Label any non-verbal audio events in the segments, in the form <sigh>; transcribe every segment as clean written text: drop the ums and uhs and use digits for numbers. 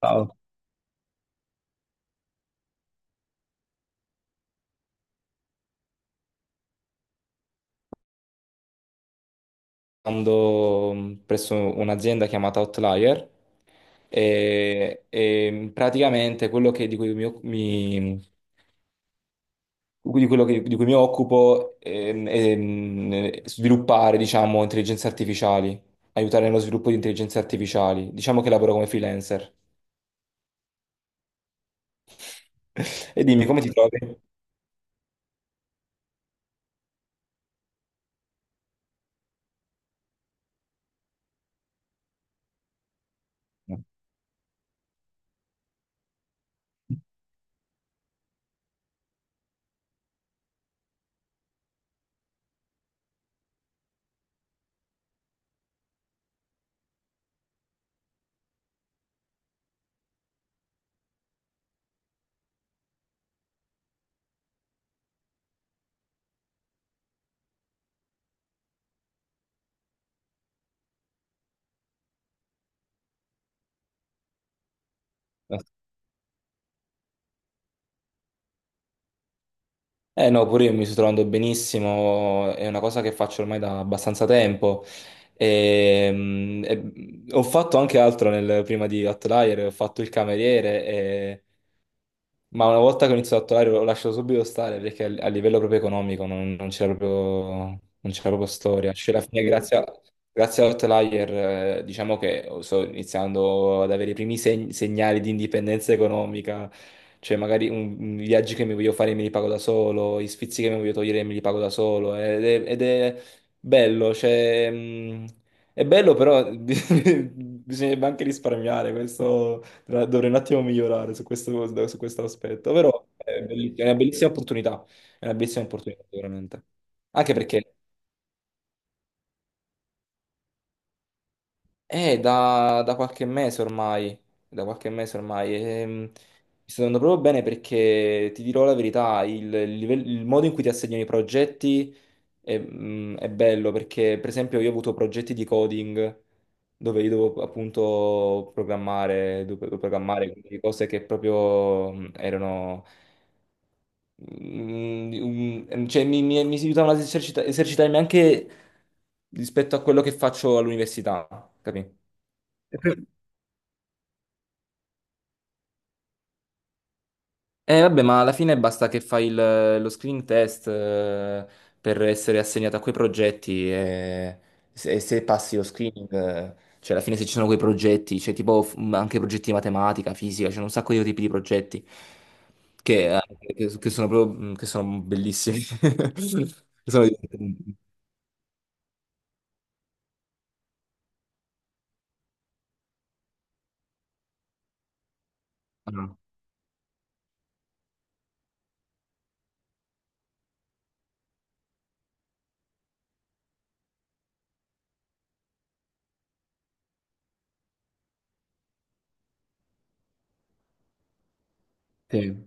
Ciao. Lavorando presso un'azienda chiamata Outlier e praticamente quello che- di cui mi, occu- mi- di cui mi occupo, è, sviluppare, diciamo, intelligenze artificiali, aiutare nello sviluppo di intelligenze artificiali. Diciamo che lavoro come freelancer. <laughs> E dimmi, come ti trovi? Eh no, pure io mi sto trovando benissimo, è una cosa che faccio ormai da abbastanza tempo. Ho fatto anche altro, prima di Outlier, ho fatto il cameriere, ma una volta che ho iniziato a tatuare l'ho lasciato subito stare perché a livello proprio economico non c'era proprio, non c'era proprio storia. Cioè, alla fine, grazie all'Outlier, diciamo che sto iniziando ad avere i primi segnali di indipendenza economica. Cioè, magari i viaggi che mi voglio fare me li pago da solo, gli sfizi che mi voglio togliere me li pago da solo. Ed è bello, cioè, è bello, però <laughs> bisognerebbe anche risparmiare questo. Dovrei un attimo migliorare su questo aspetto, però è una bellissima opportunità, è una bellissima opportunità veramente. Anche perché è da qualche mese ormai, da qualche mese ormai. Mi sto andando proprio bene perché ti dirò la verità, il modo in cui ti assegnano i progetti è bello, perché per esempio io ho avuto progetti di coding dove io dovevo appunto programmare, dovevo programmare, quindi cose che proprio erano. Mi si aiutavano ad esercitarmi anche rispetto a quello che faccio all'università, capì? Per- vabbè, ma alla fine basta che lo screening test, per essere assegnato a quei progetti, e se passi lo screening, cioè alla fine se ci sono quei progetti, c'è tipo, anche progetti di matematica, fisica, c'è un sacco di tipi di progetti che, eh, che sono proprio, che sono bellissimi. <laughs> Sono divertenti. Ah, sì.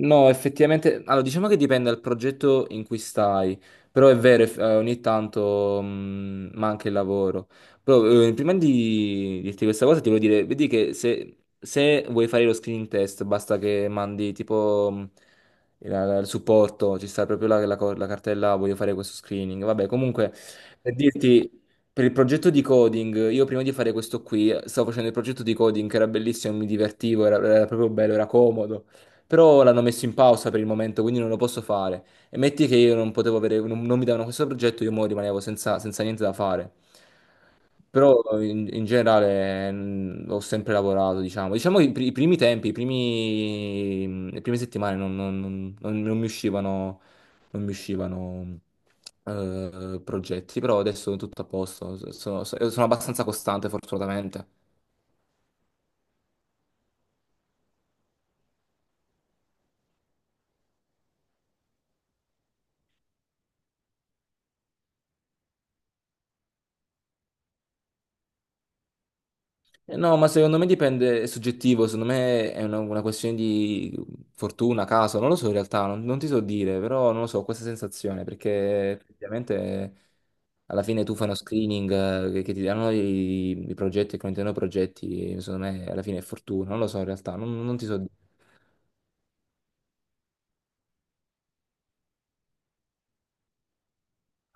No, effettivamente, allora diciamo che dipende dal progetto in cui stai, però è vero, ogni tanto manca il lavoro. Però prima di dirti questa cosa ti voglio dire, vedi che se vuoi fare lo screening test basta che mandi tipo, il supporto, ci sta proprio la cartella voglio fare questo screening. Vabbè, comunque per dirti. Per il progetto di coding, io prima di fare questo qui, stavo facendo il progetto di coding che era bellissimo, mi divertivo, era proprio bello, era comodo. Però l'hanno messo in pausa per il momento, quindi non lo posso fare. E metti che io non potevo avere, non mi davano questo progetto, io mo rimanevo senza niente da fare. Però in generale, ho sempre lavorato, diciamo. Diciamo che i primi tempi, i primi, le prime settimane non mi uscivano, non mi uscivano, progetti, però adesso è tutto a posto. Sono abbastanza costante, fortunatamente. No, ma secondo me dipende, è soggettivo, secondo me è una questione di fortuna, caso, non lo so in realtà, non ti so dire, però non lo so, questa sensazione, perché ovviamente alla fine tu fai uno screening, che ti danno i progetti, che contengono progetti, secondo me alla fine è fortuna, non lo so in realtà, non ti so dire.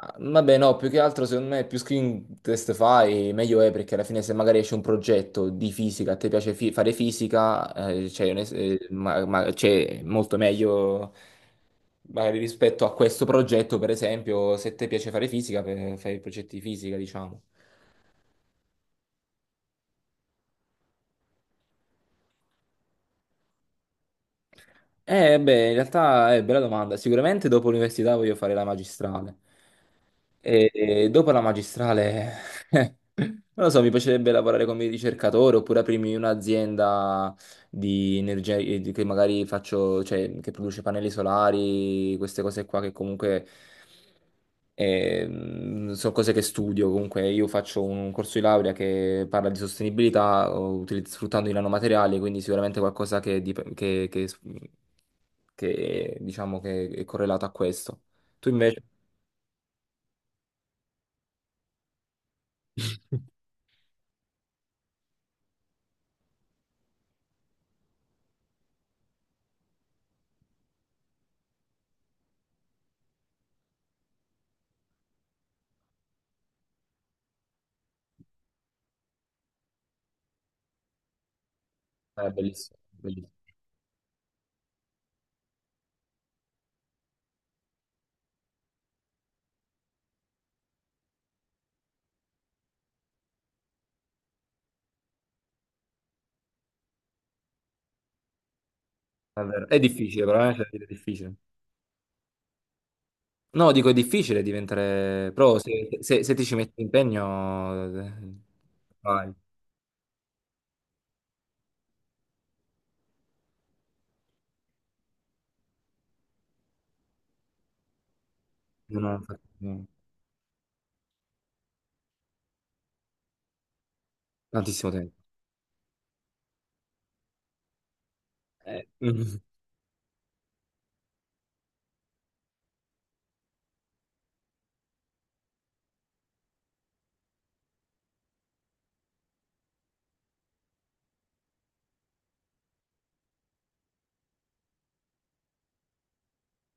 Ah, vabbè, no, più che altro secondo me più screen test fai, meglio è, perché alla fine se magari esce un progetto di fisica, a te piace fare fisica, c'è un es- ma- c'è molto meglio magari rispetto a questo progetto, per esempio, se ti piace fare fisica, fai progetti di fisica, diciamo. Beh, in realtà è bella domanda. Sicuramente dopo l'università voglio fare la magistrale. E dopo la magistrale, <laughs> non lo so, mi piacerebbe lavorare come ricercatore oppure aprirmi un'azienda di energia, che magari faccio, cioè che produce pannelli solari, queste cose qua che comunque, sono cose che studio. Comunque io faccio un corso di laurea che parla di sostenibilità o sfruttando i nanomateriali, quindi sicuramente qualcosa che diciamo che è correlato a questo. Tu invece? È bellissimo. Bellissimo. È vero. È difficile, però, cioè, è difficile. No, dico, è difficile diventare pro, se ti ci metti impegno, vai. Non ho fatto no, tantissimo tempo. Mm.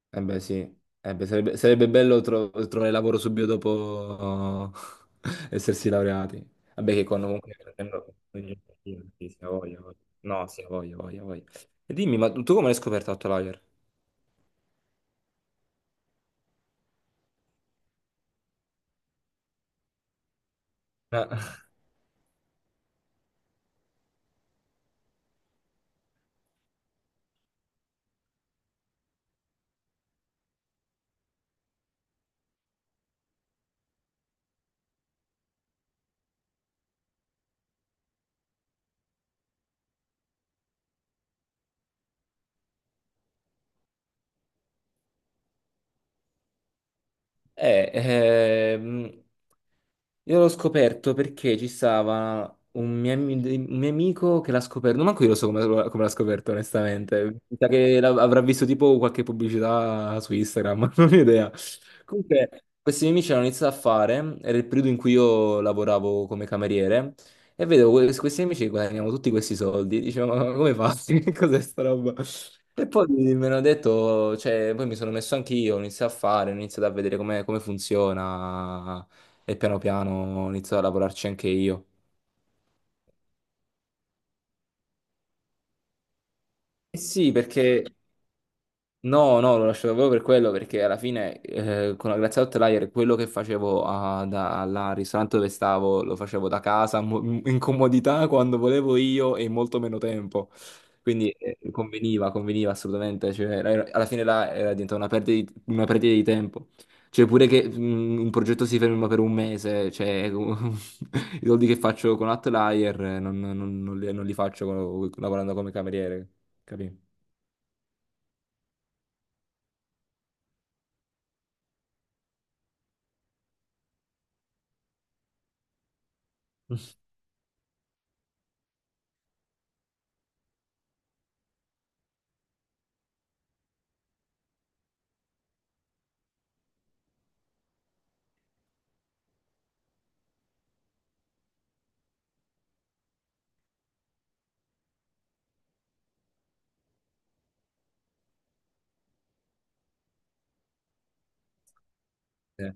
Eh beh, sì, eh beh, sarebbe bello trovare lavoro subito dopo <laughs> essersi laureati. Vabbè, che quando comunque sì, sì, sì, ha voglia, ha voglia. No, sì, ha voglia, ha voglia, ha voglia. E dimmi, ma tu come l'hai scoperto Outlier? Ah. Eh, ehm, Io l'ho scoperto perché ci stava un mio amico che l'ha scoperto. Non manco io lo so come l'ha scoperto, onestamente. Mi sa che avrà visto tipo qualche pubblicità su Instagram, <laughs> non ho idea. Comunque, questi miei amici hanno iniziato a fare, era il periodo in cui io lavoravo come cameriere, e vedevo questi miei amici che guadagnavano tutti questi soldi. Dicevo, ma come fatti? <laughs> Che cos'è sta roba? E poi mi hanno detto, cioè, poi mi sono messo anch'io, ho iniziato a fare, ho iniziato a vedere come funziona, e piano piano ho iniziato a lavorarci anche io. Eh sì, perché. No, no, lo lascio proprio per quello, perché alla fine, con la Grazia Hotelier quello che facevo, al ristorante dove stavo lo facevo da casa, in comodità, quando volevo io e in molto meno tempo. Quindi, conveniva assolutamente. Cioè, alla fine là era diventata di una perdita di tempo. Cioè pure che, un progetto si ferma per un mese, cioè, <laughs> i soldi che faccio con Hotelier, non li faccio, lavorando come cameriere, capì? Eh.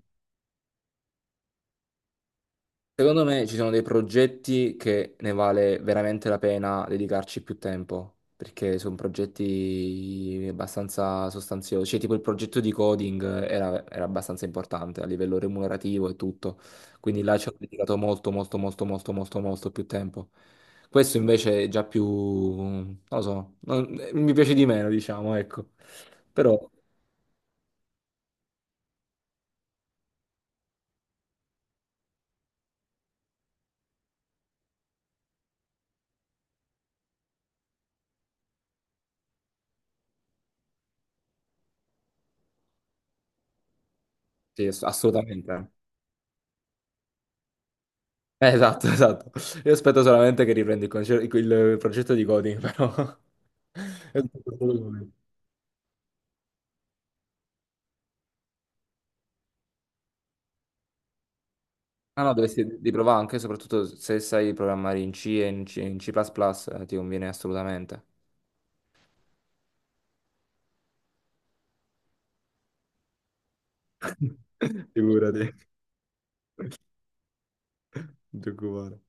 Secondo me ci sono dei progetti che ne vale veramente la pena dedicarci più tempo, perché sono progetti abbastanza sostanziosi, cioè tipo il progetto di coding era abbastanza importante a livello remunerativo e tutto, quindi là ci ho dedicato molto molto molto molto molto molto più tempo. Questo invece è già più, non lo so, mi piace di meno, diciamo, ecco. Però sì, assolutamente. Esatto, <laughs> esatto. Io aspetto solamente che riprendi il progetto di coding, però. <laughs> È tutto solo lui. Ah no, dovresti di provare anche, soprattutto se sai programmare in C e in C, in C++, ti conviene assolutamente. <laughs> Figurati, non ti preoccupare.